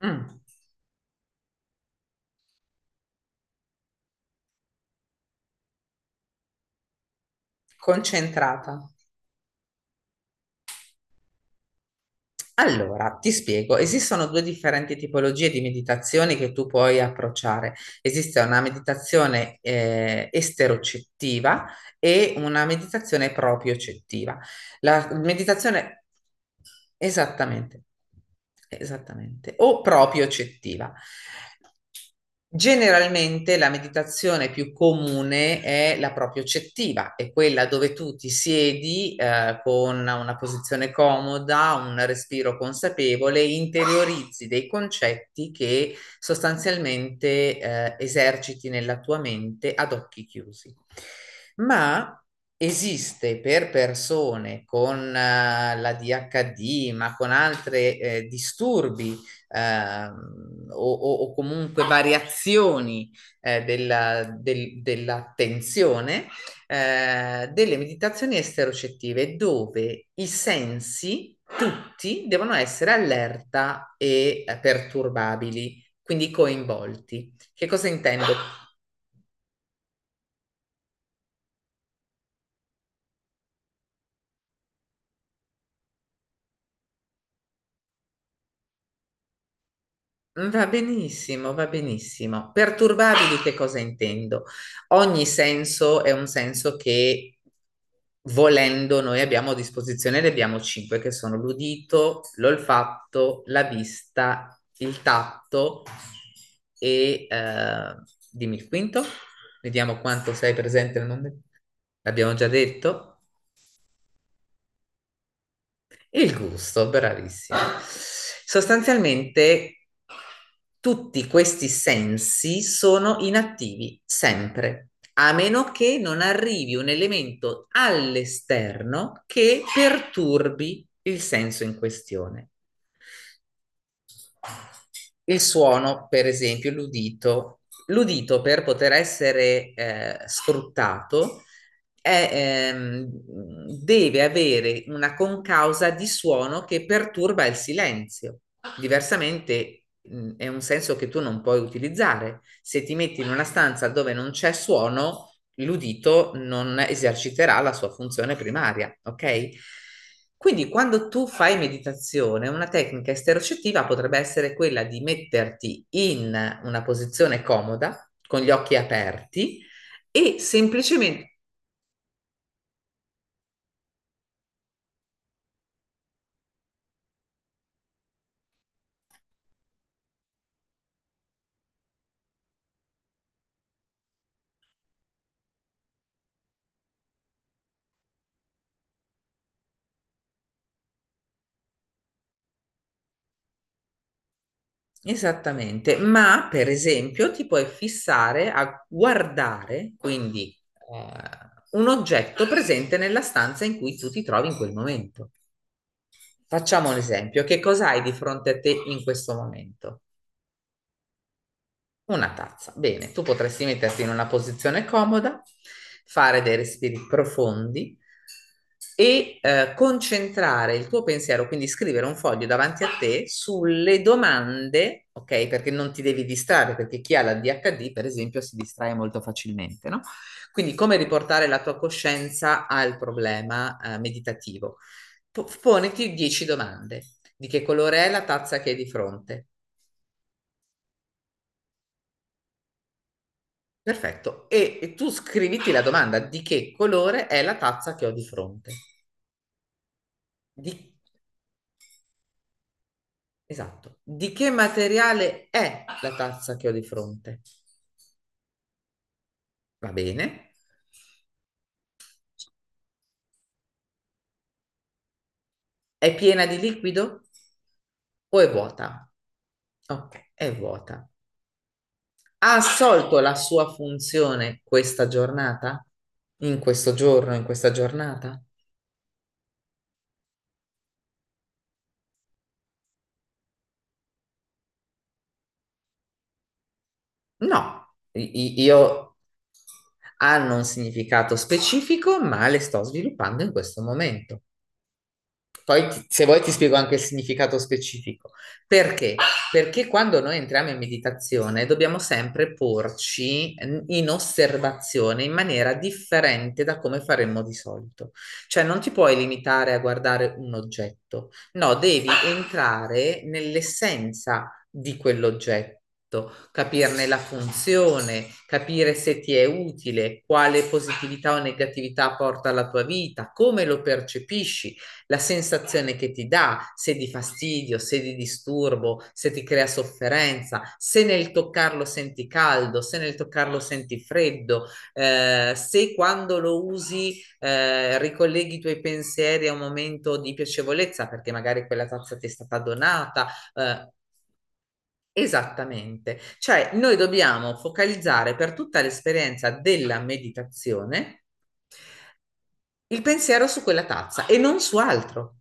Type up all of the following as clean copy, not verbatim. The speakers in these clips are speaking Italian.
Mm, concentrata. Allora, ti spiego, esistono due differenti tipologie di meditazioni che tu puoi approcciare. Esiste una meditazione esterocettiva e una meditazione propriocettiva. La meditazione. Esattamente, esattamente, o propriocettiva. Generalmente la meditazione più comune è la propriocettiva, è quella dove tu ti siedi con una posizione comoda, un respiro consapevole, interiorizzi dei concetti che sostanzialmente eserciti nella tua mente ad occhi chiusi. Ma esiste per persone con la DHD, ma con altri disturbi o comunque variazioni dell'attenzione, delle meditazioni esterocettive dove i sensi tutti devono essere allerta e perturbabili, quindi coinvolti. Che cosa intendo? Va benissimo, va benissimo. Perturbabili, che cosa intendo? Ogni senso è un senso che volendo noi abbiamo a disposizione, ne abbiamo cinque che sono l'udito, l'olfatto, la vista, il tatto e dimmi il quinto. Vediamo quanto sei presente nel momento. L'abbiamo già detto. Il gusto, bravissimo. Sostanzialmente tutti questi sensi sono inattivi sempre, a meno che non arrivi un elemento all'esterno che perturbi il senso in questione. Il suono, per esempio, l'udito. L'udito per poter essere sfruttato è, ehm, deve avere una concausa di suono che perturba il silenzio. Diversamente è un senso che tu non puoi utilizzare. Se ti metti in una stanza dove non c'è suono, l'udito non eserciterà la sua funzione primaria, ok? Quindi quando tu fai meditazione, una tecnica esterocettiva potrebbe essere quella di metterti in una posizione comoda, con gli occhi aperti e semplicemente. Esattamente, ma per esempio ti puoi fissare a guardare, quindi un oggetto presente nella stanza in cui tu ti trovi in quel momento. Facciamo un esempio. Che cosa hai di fronte a te in questo momento? Una tazza. Bene, tu potresti metterti in una posizione comoda, fare dei respiri profondi e concentrare il tuo pensiero, quindi scrivere un foglio davanti a te sulle domande, ok? Perché non ti devi distrarre, perché chi ha la DHD, per esempio, si distrae molto facilmente, no? Quindi come riportare la tua coscienza al problema meditativo? Poniti 10 domande. Di che colore è la tazza che hai di fronte? Perfetto. E tu scriviti la domanda: di che colore è la tazza che ho di fronte? Di. Esatto. Di che materiale è la tazza che ho di fronte? Va bene. È piena di liquido o è vuota? Ok, è vuota. Ha assolto la sua funzione questa giornata? In questo giorno, in questa giornata? No, I- i- io hanno un significato specifico, ma le sto sviluppando in questo momento. Poi se vuoi ti spiego anche il significato specifico. Perché? Perché quando noi entriamo in meditazione dobbiamo sempre porci in osservazione in maniera differente da come faremmo di solito. Cioè non ti puoi limitare a guardare un oggetto, no, devi entrare nell'essenza di quell'oggetto. Capirne la funzione, capire se ti è utile, quale positività o negatività porta alla tua vita, come lo percepisci, la sensazione che ti dà, se di fastidio, se di disturbo, se ti crea sofferenza, se nel toccarlo senti caldo, se nel toccarlo senti freddo, se quando lo usi ricolleghi i tuoi pensieri a un momento di piacevolezza perché magari quella tazza ti è stata donata. eh, Esattamente, cioè noi dobbiamo focalizzare per tutta l'esperienza della meditazione il pensiero su quella tazza e non su altro.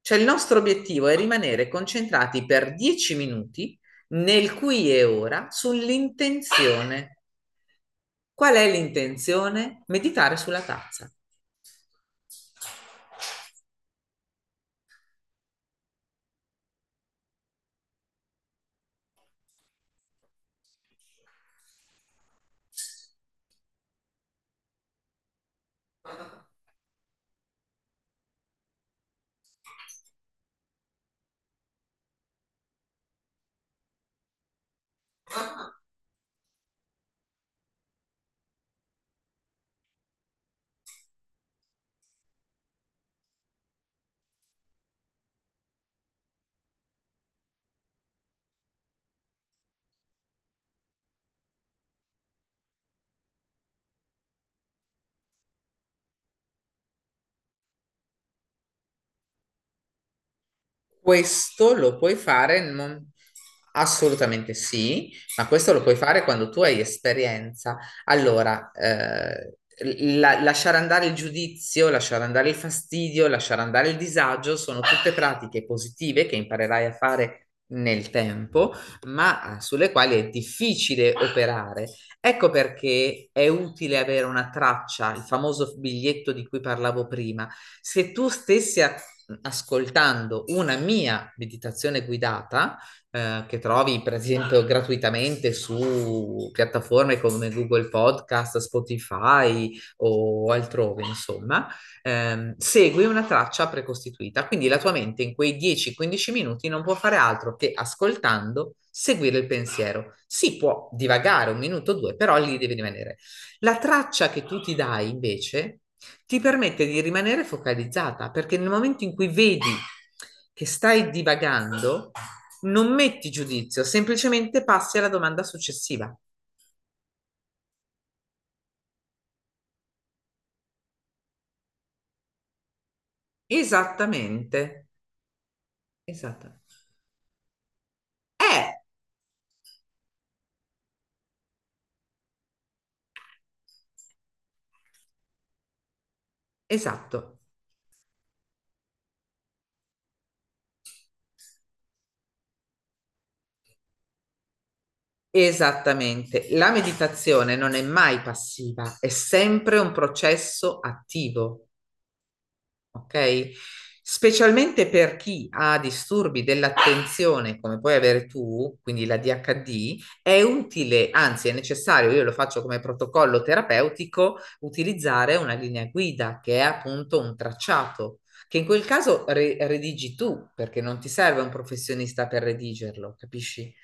Cioè il nostro obiettivo è rimanere concentrati per 10 minuti nel qui e ora sull'intenzione. Qual è l'intenzione? Meditare sulla tazza. Questo lo puoi fare, assolutamente sì, ma questo lo puoi fare quando tu hai esperienza. Allora, lasciare andare il giudizio, lasciare andare il fastidio, lasciare andare il disagio sono tutte pratiche positive che imparerai a fare nel tempo, ma sulle quali è difficile operare. Ecco perché è utile avere una traccia, il famoso biglietto di cui parlavo prima. Se tu stessi a ascoltando una mia meditazione guidata che trovi per esempio gratuitamente su piattaforme come Google Podcast, Spotify o altrove, insomma, segui una traccia precostituita. Quindi la tua mente in quei 10-15 minuti non può fare altro che ascoltando seguire il pensiero. Si può divagare un minuto o due, però lì devi rimanere. La traccia che tu ti dai invece ti permette di rimanere focalizzata, perché nel momento in cui vedi che stai divagando, non metti giudizio, semplicemente passi alla domanda successiva. Esattamente, esattamente. Eh, esatto, esattamente. La meditazione non è mai passiva, è sempre un processo attivo. Ok? Specialmente per chi ha disturbi dell'attenzione, come puoi avere tu, quindi la DHD, è utile, anzi è necessario, io lo faccio come protocollo terapeutico, utilizzare una linea guida che è appunto un tracciato, che in quel caso redigi tu, perché non ti serve un professionista per redigerlo, capisci?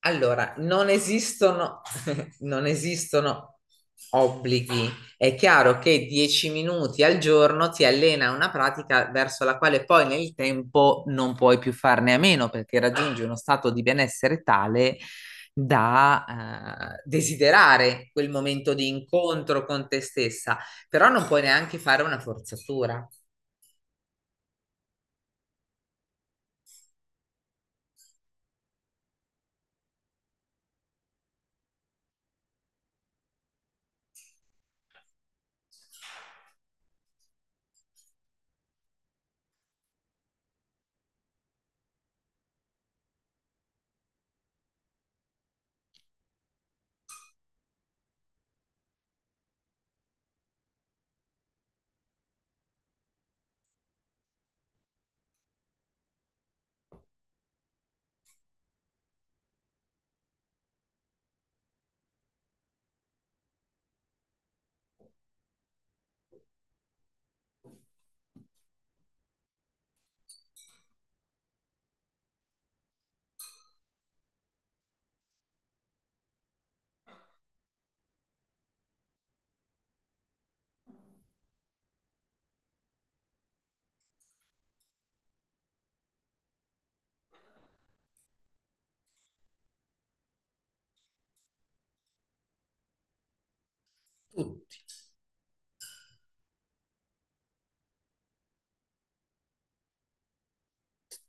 Allora, non esistono, non esistono obblighi. È chiaro che 10 minuti al giorno ti allena a una pratica verso la quale poi nel tempo non puoi più farne a meno perché raggiungi uno stato di benessere tale da desiderare quel momento di incontro con te stessa, però non puoi neanche fare una forzatura. Tutti.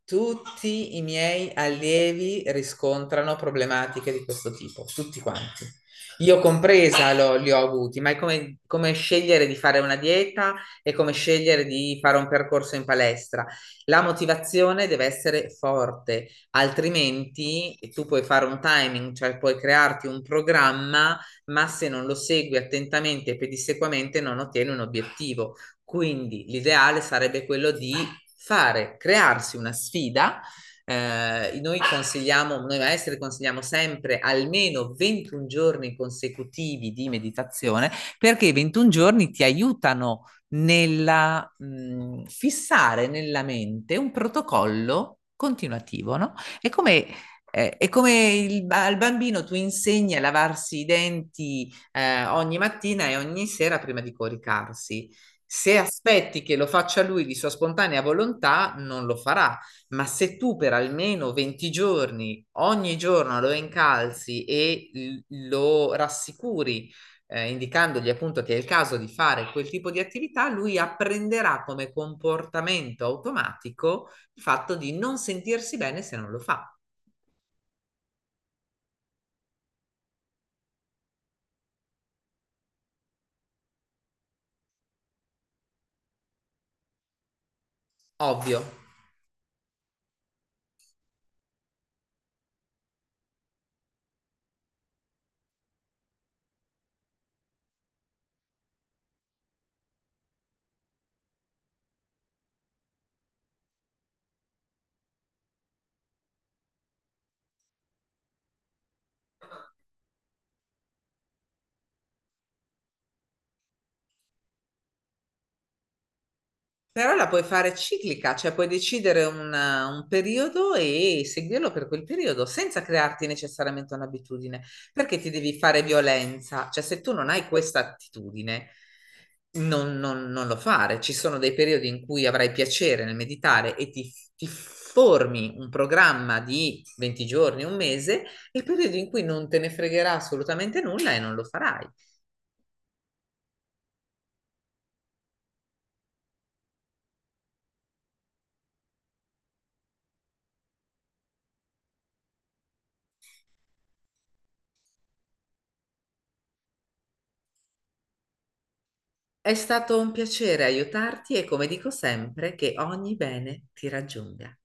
Tutti i miei allievi riscontrano problematiche di questo tipo, tutti quanti. Io compresa li ho avuti, ma è come, come scegliere di fare una dieta e come scegliere di fare un percorso in palestra. La motivazione deve essere forte, altrimenti tu puoi fare un timing, cioè puoi crearti un programma, ma se non lo segui attentamente e pedissequamente non ottieni un obiettivo. Quindi l'ideale sarebbe quello di fare, crearsi una sfida. Noi consigliamo, noi maestri consigliamo sempre almeno 21 giorni consecutivi di meditazione perché i 21 giorni ti aiutano nella fissare nella mente un protocollo continuativo, no? È come è come al bambino tu insegni a lavarsi i denti ogni mattina e ogni sera prima di coricarsi. Se aspetti che lo faccia lui di sua spontanea volontà, non lo farà, ma se tu per almeno 20 giorni, ogni giorno lo incalzi e lo rassicuri, indicandogli appunto che è il caso di fare quel tipo di attività, lui apprenderà come comportamento automatico il fatto di non sentirsi bene se non lo fa. Ovvio. Però la puoi fare ciclica, cioè puoi decidere un periodo e seguirlo per quel periodo senza crearti necessariamente un'abitudine, perché ti devi fare violenza, cioè se tu non hai questa attitudine, non lo fare. Ci sono dei periodi in cui avrai piacere nel meditare e ti formi un programma di 20 giorni, un mese, e periodi in cui non te ne fregherà assolutamente nulla e non lo farai. È stato un piacere aiutarti e come dico sempre, che ogni bene ti raggiunga.